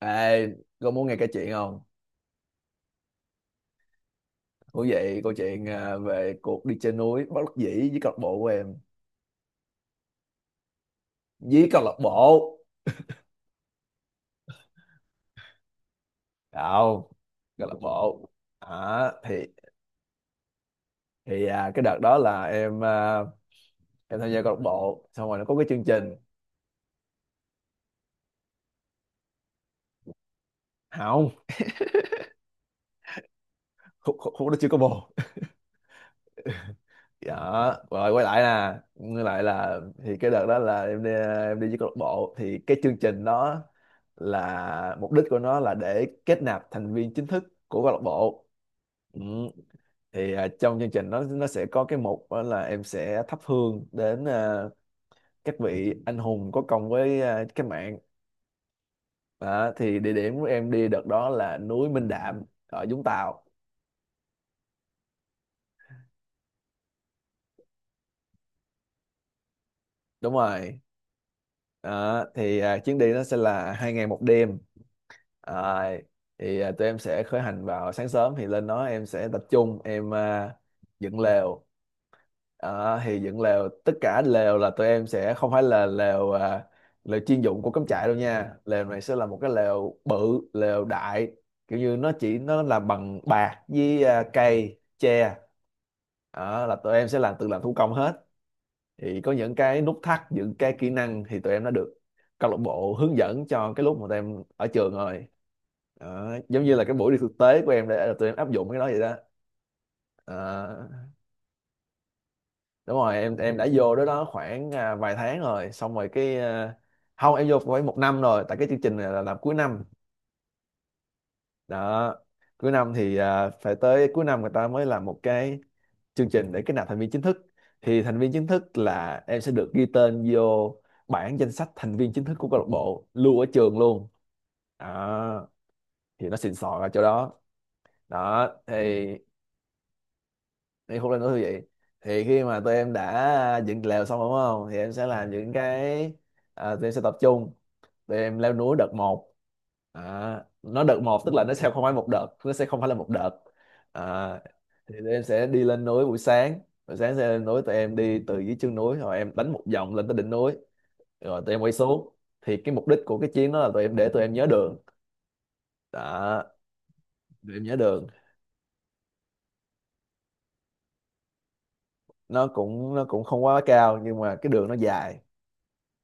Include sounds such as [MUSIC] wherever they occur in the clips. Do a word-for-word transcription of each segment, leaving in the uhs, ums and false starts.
Ê, có muốn nghe cái chuyện không? Thú vị câu chuyện à, về cuộc đi trên núi bất đắc dĩ với câu lạc bộ của em với câu lạc bộ không câu lạc bộ à, thì thì à, cái đợt đó là em à, em tham gia câu lạc bộ xong rồi nó có cái chương trình không khúc khúc khúc đó chưa có bồ đó. [LAUGHS] Rồi quay lại nè. Quay lại là thì cái đợt đó là em đi à, em đi với câu lạc bộ thì cái chương trình đó là mục đích của nó là để kết nạp thành viên chính thức của câu lạc bộ. Ừ. Thì à, trong chương trình nó nó sẽ có cái mục đó là em sẽ thắp hương đến à, các vị anh hùng có công với à, cách mạng. Đó, thì địa điểm của em đi đợt đó là núi Minh Đạm ở Vũng Tàu. Đúng rồi. Đó, thì à, chuyến đi nó sẽ là hai ngày một đêm. Rồi, thì à, tụi em sẽ khởi hành vào sáng sớm thì lên đó em sẽ tập trung em à, dựng lều. Ờ, thì dựng lều tất cả lều là tụi em sẽ không phải là lều à, lều chuyên dụng của cắm trại đâu nha, lều này sẽ là một cái lều bự, lều đại, kiểu như nó chỉ nó là bằng bạc với à, cây tre. Đó, là tụi em sẽ làm tự làm thủ công hết. Thì có những cái nút thắt những cái kỹ năng thì tụi em đã được câu lạc bộ hướng dẫn cho cái lúc mà tụi em ở trường rồi. Đó, giống như là cái buổi đi thực tế của em để tụi em áp dụng cái đó vậy đó. Ờ, đúng rồi, em em đã vô đó đó khoảng à, vài tháng rồi xong rồi cái à, không em vô khoảng một năm rồi, tại cái chương trình này là làm cuối năm đó. Cuối năm thì à, phải tới cuối năm người ta mới làm một cái chương trình để kết nạp thành viên chính thức. Thì thành viên chính thức là em sẽ được ghi tên vô bảng danh sách thành viên chính thức của câu lạc bộ lưu ở trường luôn đó. Thì nó xịn sò ở chỗ đó. Đó thì đi khúc lên núi như vậy, thì khi mà tụi em đã à, dựng lều xong rồi đúng không, thì em sẽ làm những cái à, tụi em sẽ tập trung, tụi em leo núi đợt một. À, nó đợt một tức là nó sẽ không phải một đợt, nó sẽ không phải là một đợt à, thì tụi em sẽ đi lên núi buổi sáng, buổi sáng sẽ lên núi. Tụi em đi từ dưới chân núi rồi em đánh một vòng lên tới đỉnh núi rồi tụi em quay xuống. Thì cái mục đích của cái chuyến đó là tụi em để tụi em nhớ đường đó, tụi em nhớ đường. Nó cũng nó cũng không quá cao nhưng mà cái đường nó dài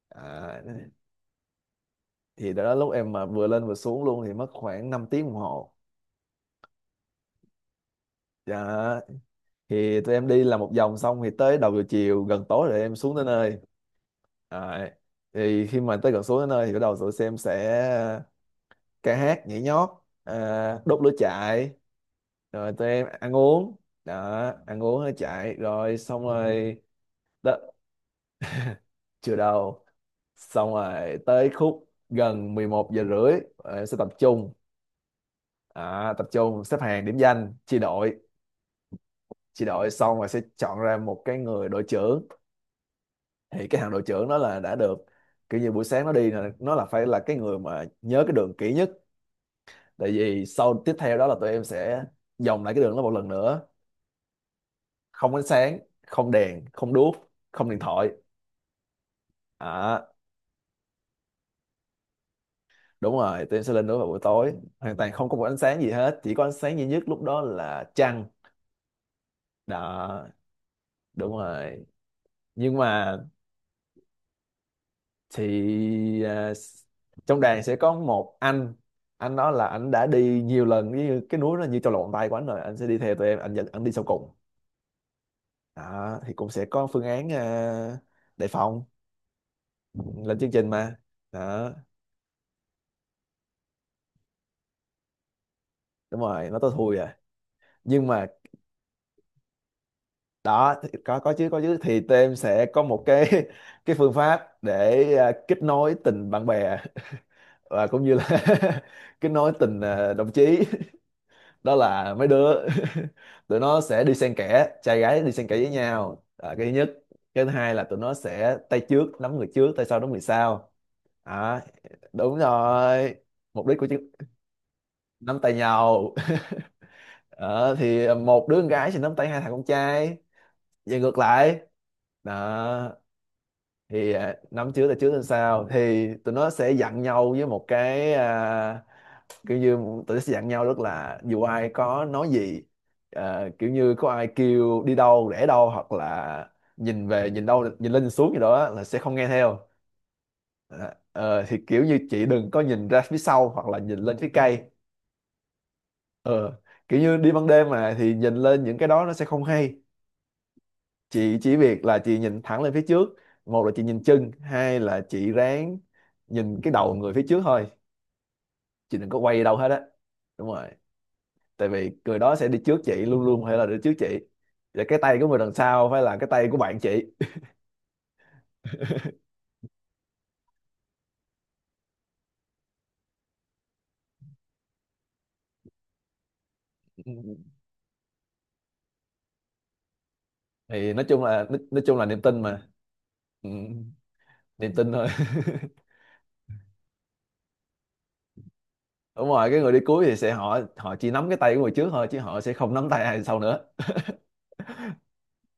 à, thì đó lúc em mà vừa lên vừa xuống luôn thì mất khoảng năm tiếng đồng hồ. Dạ, thì tụi em đi làm một vòng xong thì tới đầu giờ chiều gần tối rồi em xuống tới nơi. Đấy. Thì khi mà tới gần xuống tới nơi thì bắt đầu tụi em sẽ ca hát nhảy nhót à, đốt lửa chạy, rồi tụi em ăn uống. Đó, ăn uống rồi chạy rồi xong rồi đó. Chưa đầu, xong rồi tới khúc gần mười một giờ rưỡi em sẽ tập trung à, tập trung xếp hàng điểm danh chia đội. Chị đội xong rồi sẽ chọn ra một cái người đội trưởng. Thì cái thằng đội trưởng đó là đã được, kiểu như buổi sáng nó đi là nó là phải là cái người mà nhớ cái đường kỹ nhất. Tại vì sau tiếp theo đó là tụi em sẽ vòng lại cái đường đó một lần nữa. Không ánh sáng, không đèn không đuốc, không điện thoại à. Đúng rồi, tụi em sẽ lên đó vào buổi tối hoàn toàn không có một ánh sáng gì hết, chỉ có ánh sáng duy nhất lúc đó là trăng đó. Đúng rồi, nhưng mà thì à, trong đoàn sẽ có một anh anh đó là anh đã đi nhiều lần, như cái núi nó như trong lòng bàn tay của anh rồi, anh sẽ đi theo tụi em, anh dẫn anh đi sau cùng. Đó thì cũng sẽ có phương án à, đề phòng, lên chương trình mà. Đó đúng rồi, nó tới thui à, nhưng mà đó thì có có chứ, có chứ, thì tụi em sẽ có một cái [LAUGHS] cái phương pháp để à, kết nối tình bạn bè [LAUGHS] và cũng như là [LAUGHS] kết nối tình à, đồng chí. Đó là mấy đứa [LAUGHS] tụi nó sẽ đi xen kẽ trai gái, đi xen kẽ với nhau à, cái thứ nhất. Cái thứ hai là tụi nó sẽ tay trước nắm người trước, tay sau nắm người sau à, đúng rồi. Mục đích của chứ, nắm tay nhau. [LAUGHS] Ờ, thì một đứa con gái sẽ nắm tay hai thằng con trai và ngược lại đó. Thì à, nắm trước tay trước tay sau thì tụi nó sẽ dặn nhau với một cái à, kiểu như tụi nó sẽ dặn nhau rất là, dù ai có nói gì, ờ, kiểu như có ai kêu đi đâu rẽ đâu hoặc là nhìn về nhìn đâu nhìn lên nhìn xuống gì đó á, là sẽ không nghe theo. Ờ, ờ, thì kiểu như chị đừng có nhìn ra phía sau hoặc là nhìn lên phía cây. Ờ, kiểu như đi ban đêm mà thì nhìn lên những cái đó nó sẽ không hay. Chị chỉ việc là chị nhìn thẳng lên phía trước, một là chị nhìn chân, hai là chị ráng nhìn cái đầu người phía trước thôi, chị đừng có quay đâu hết á. Đúng rồi, tại vì người đó sẽ đi trước chị, luôn luôn phải là đi trước chị, và cái tay của người đằng sau phải là cái tay của bạn chị. Thì nói chung là nói, nói chung là niềm tin mà. Ừ, niềm tin thôi. [LAUGHS] Đúng rồi, cái người đi cuối thì sẽ họ họ chỉ nắm cái tay của người trước thôi chứ họ sẽ không nắm tay ai sau nữa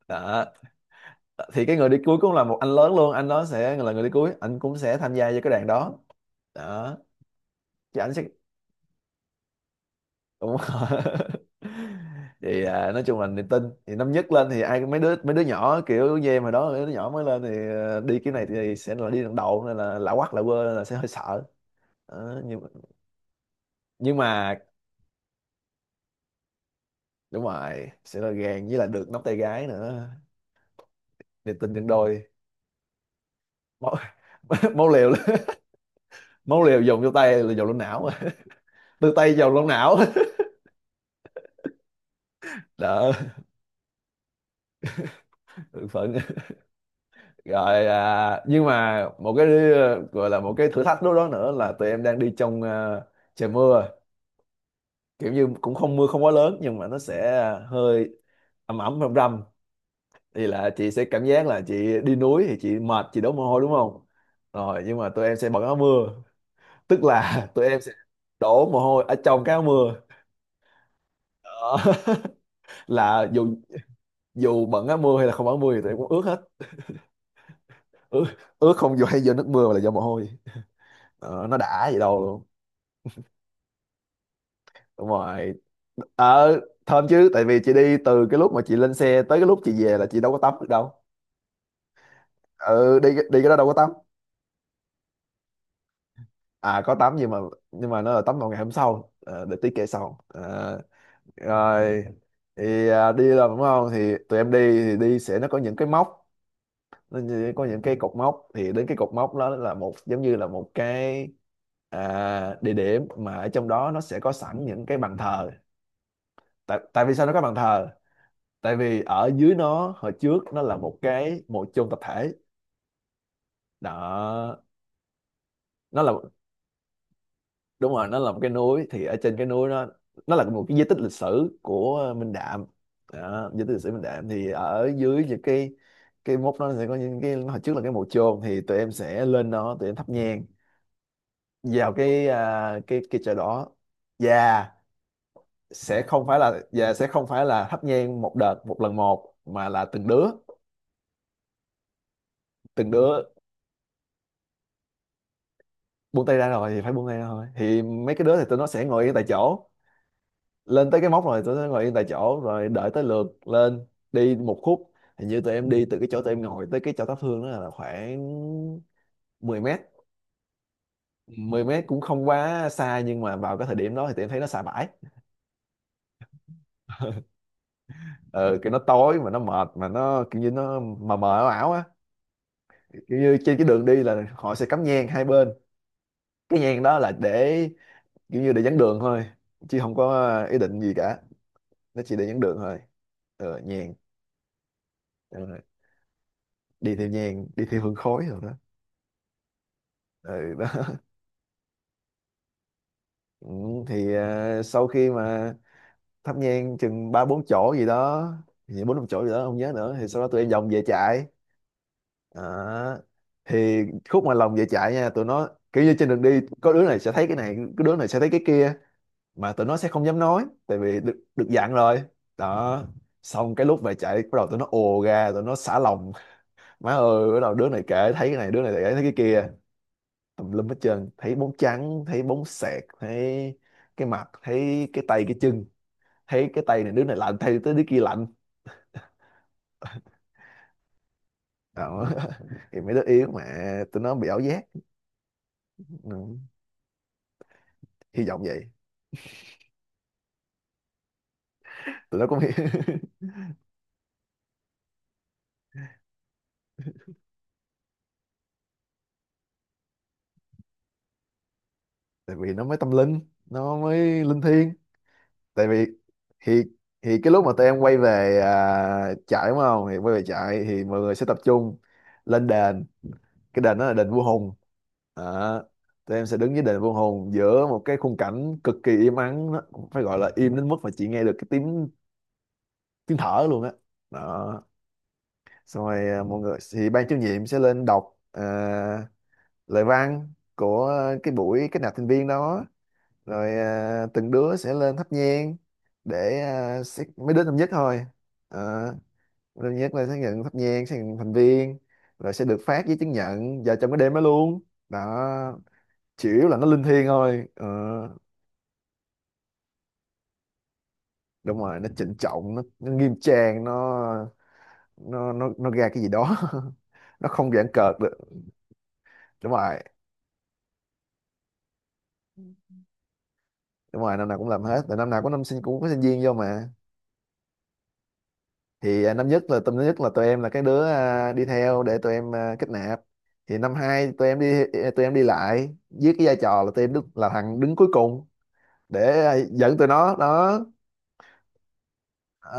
đó. Thì cái người đi cuối cũng là một anh lớn luôn, anh đó sẽ là người đi cuối, anh cũng sẽ tham gia vào cái đoàn đó đó chứ, anh sẽ đúng rồi. [LAUGHS] Thì à, nói chung là niềm tin, thì năm nhất lên thì ai, mấy đứa mấy đứa nhỏ kiểu như em hồi đó, mấy đứa nhỏ mới lên thì ờ, đi cái này thì sẽ là đi lần đầu nên là lạ quắc lạ quơ nên là sẽ hơi sợ. Đó, nhưng nhưng mà đúng rồi, sẽ là gàn với là được nắm tay gái nữa, niềm tin nhân đôi. Máu [LAUGHS] máu liều, máu liều dồn vô tay là dồn lên não. [LAUGHS] Từ tay dồn lên não. [LAUGHS] Đó. Phận rồi à, nhưng mà một cái ờ, gọi là một cái thử thách lúc đó nữa là tụi em đang đi trong ờ, trời mưa, kiểu như cũng không mưa không quá lớn nhưng mà nó sẽ ờ, hơi ẩm ẩm râm râm. Thì là chị sẽ cảm giác là chị đi núi thì chị mệt chị đổ mồ hôi đúng không, rồi nhưng mà tụi em sẽ bận áo mưa, tức là [LAUGHS] tụi em sẽ đổ mồ hôi ở trong cái áo mưa. Đó. [LAUGHS] Là dù dù bận áo mưa hay là không bận áo mưa thì tụi em cũng ướt hết. ướt, Ướt không dù hay do nước mưa mà là do mồ hôi. Đó, nó đã vậy đâu luôn. Đúng rồi, ờ thơm chứ, tại vì chị đi từ cái lúc mà chị lên xe tới cái lúc chị về là chị đâu có tắm được đâu. Ừ, đi đi cái đó đâu có tắm. À có tắm nhưng mà nhưng mà nó là tắm vào ngày hôm sau. Ờ, để tí kể sau. Ờ, rồi thì à, đi là đúng không thì tụi em đi, thì đi sẽ nó có những cái móc, nó như- có những cái cột mốc, thì đến cái cột mốc đó là một giống như là một cái à, địa điểm mà ở trong đó nó sẽ có sẵn những cái bàn thờ. Tại tại vì sao nó có bàn thờ? Tại vì ở dưới nó, hồi trước nó là một cái mộ chôn tập thể. Đó, nó là, đúng rồi, nó là một cái núi thì ở trên cái núi nó nó là một cái di tích lịch sử của Minh Đạm. Đó, di tích lịch sử Minh Đạm, thì ở dưới những cái cái mốc đó sẽ có những cái hồi trước là cái mộ chôn, thì tụi em sẽ lên đó tụi em thắp nhang vào cái à, cái cái chợ đó. và sẽ không phải là và sẽ không phải là thắp nhang một đợt một lần một, mà là từng đứa, từng đứa. Buông tay ra rồi thì phải buông tay ra thôi, thì mấy cái đứa thì tụi nó sẽ ngồi yên tại chỗ, lên tới cái móc rồi tụi nó ngồi yên tại chỗ rồi đợi tới lượt lên. Đi một khúc, hình như tụi em đi từ cái chỗ tụi em ngồi tới cái chỗ thắp hương đó là khoảng mười mét. mười mét cũng không quá xa nhưng mà vào cái thời điểm đó thì tụi em thấy nó xa bãi. [LAUGHS] Ờ, cái nó tối mà nó mệt mà nó kiểu như nó mờ mờ ảo ảo á. Kiểu như trên cái đường đi là họ sẽ cắm nhang hai bên, cái nhang đó là để kiểu như để dẫn đường thôi, chứ không có ý định gì cả, nó chỉ để dẫn đường thôi. Ờ, nhàn. Đúng, đi theo nhang, đi theo hương khói rồi đó. Ừ đó. [LAUGHS] Ừ, thì à, sau khi mà thắp nhang chừng ba bốn chỗ gì đó, thì bốn năm chỗ gì đó không nhớ nữa, thì sau đó tụi em vòng về chạy. Đó, thì khúc mà lòng về chạy nha, tụi nó kiểu như trên đường đi có đứa này sẽ thấy cái này, có đứa này sẽ thấy cái kia, mà tụi nó sẽ không dám nói tại vì được được dặn rồi. Đó, xong cái lúc về chạy bắt đầu tụi nó ồ ra, tụi nó xả lòng. Má ơi, bắt đầu đứa này kể thấy cái này, đứa này kể thấy cái kia, tùm lum hết trơn, thấy bóng trắng, thấy bóng sẹt, thấy cái mặt, thấy cái tay cái chân, thấy cái tay này đứa này lạnh, thấy tới đứa kia lạnh. Đó. [LAUGHS] Thì mấy đứa yếu mà tụi nó bị ảo giác. Ừ, hy vọng vậy. Tụi nó cũng hy- [LAUGHS] tại vì nó mới tâm linh, nó mới linh thiêng. Tại vì thì thì cái lúc mà tụi em quay về à, trại đúng không, thì quay về trại thì mọi người sẽ tập trung lên đền. Cái đền đó là đền vua Hùng. Đó, tụi em sẽ đứng với đền vô hồn giữa một cái khung cảnh cực kỳ im ắng, nó cũng phải gọi là im đến mức mà chị nghe được cái tiếng tiếng thở luôn á. Đó, xong rồi à, mọi người thì ban chủ nhiệm sẽ lên đọc à, lời văn của cái buổi kết nạp thành viên đó. Rồi à, từng đứa sẽ lên thắp nhang để à, sẽ- mấy đứa năm nhất thôi. Ờ, mấy đứa năm nhất là sẽ nhận thắp nhang, sẽ nhận thành viên, rồi sẽ được phát giấy chứng nhận vào trong cái đêm đó luôn. Đó, chủ yếu là nó linh thiêng thôi. Ờ, đúng rồi, nó trịnh trọng, nó, nó nghiêm trang, nó nó nó nó ra cái gì đó. [LAUGHS] Nó không giãn cợt được. Đúng rồi, đúng rồi, năm nào cũng làm hết, tại năm nào có năm sinh cũng có sinh viên vô mà. Thì à, năm nhất là tâm nhất là tụi em là cái đứa à, đi theo để tụi em à, kết nạp. Thì năm hai tụi em đi, à, tụi em đi lại với cái vai trò là tụi em đứng, là thằng đứng cuối cùng để à, dẫn tụi nó đó. Ờ,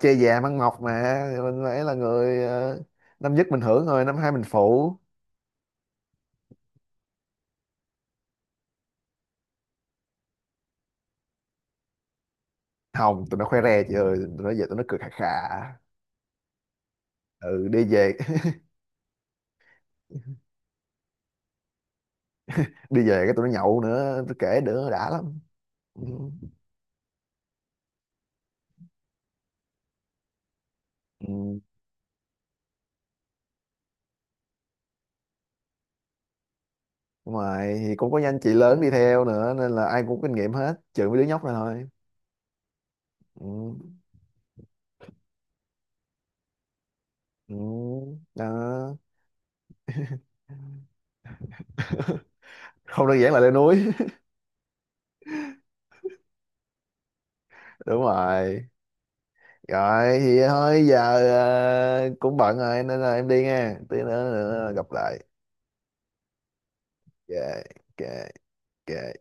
chơi già mang mọc mà thì mình phải là người ờ, năm nhất mình hưởng rồi năm hai mình phụ. Hồng, tụi nó khoe re chị ơi, tụi nó về tụi nó cười khà khà. Ừ, đi về. [LAUGHS] Đi về cái tụi nó nhậu nữa, tôi kể nữa đã lắm. Ừ. Ừ. Đúng rồi, thì cũng có anh chị lớn đi theo nữa nên là ai cũng có kinh nghiệm hết, trừ mấy đứa nhóc này thôi. Ừ. Ừ. Đó. Không đơn giản là leo núi. [LAUGHS] Đúng rồi. Rồi thì thôi giờ ờ, cũng bận rồi nên là em đi nha. Tí nữa, nữa gặp lại. Yeah, yeah, yeah.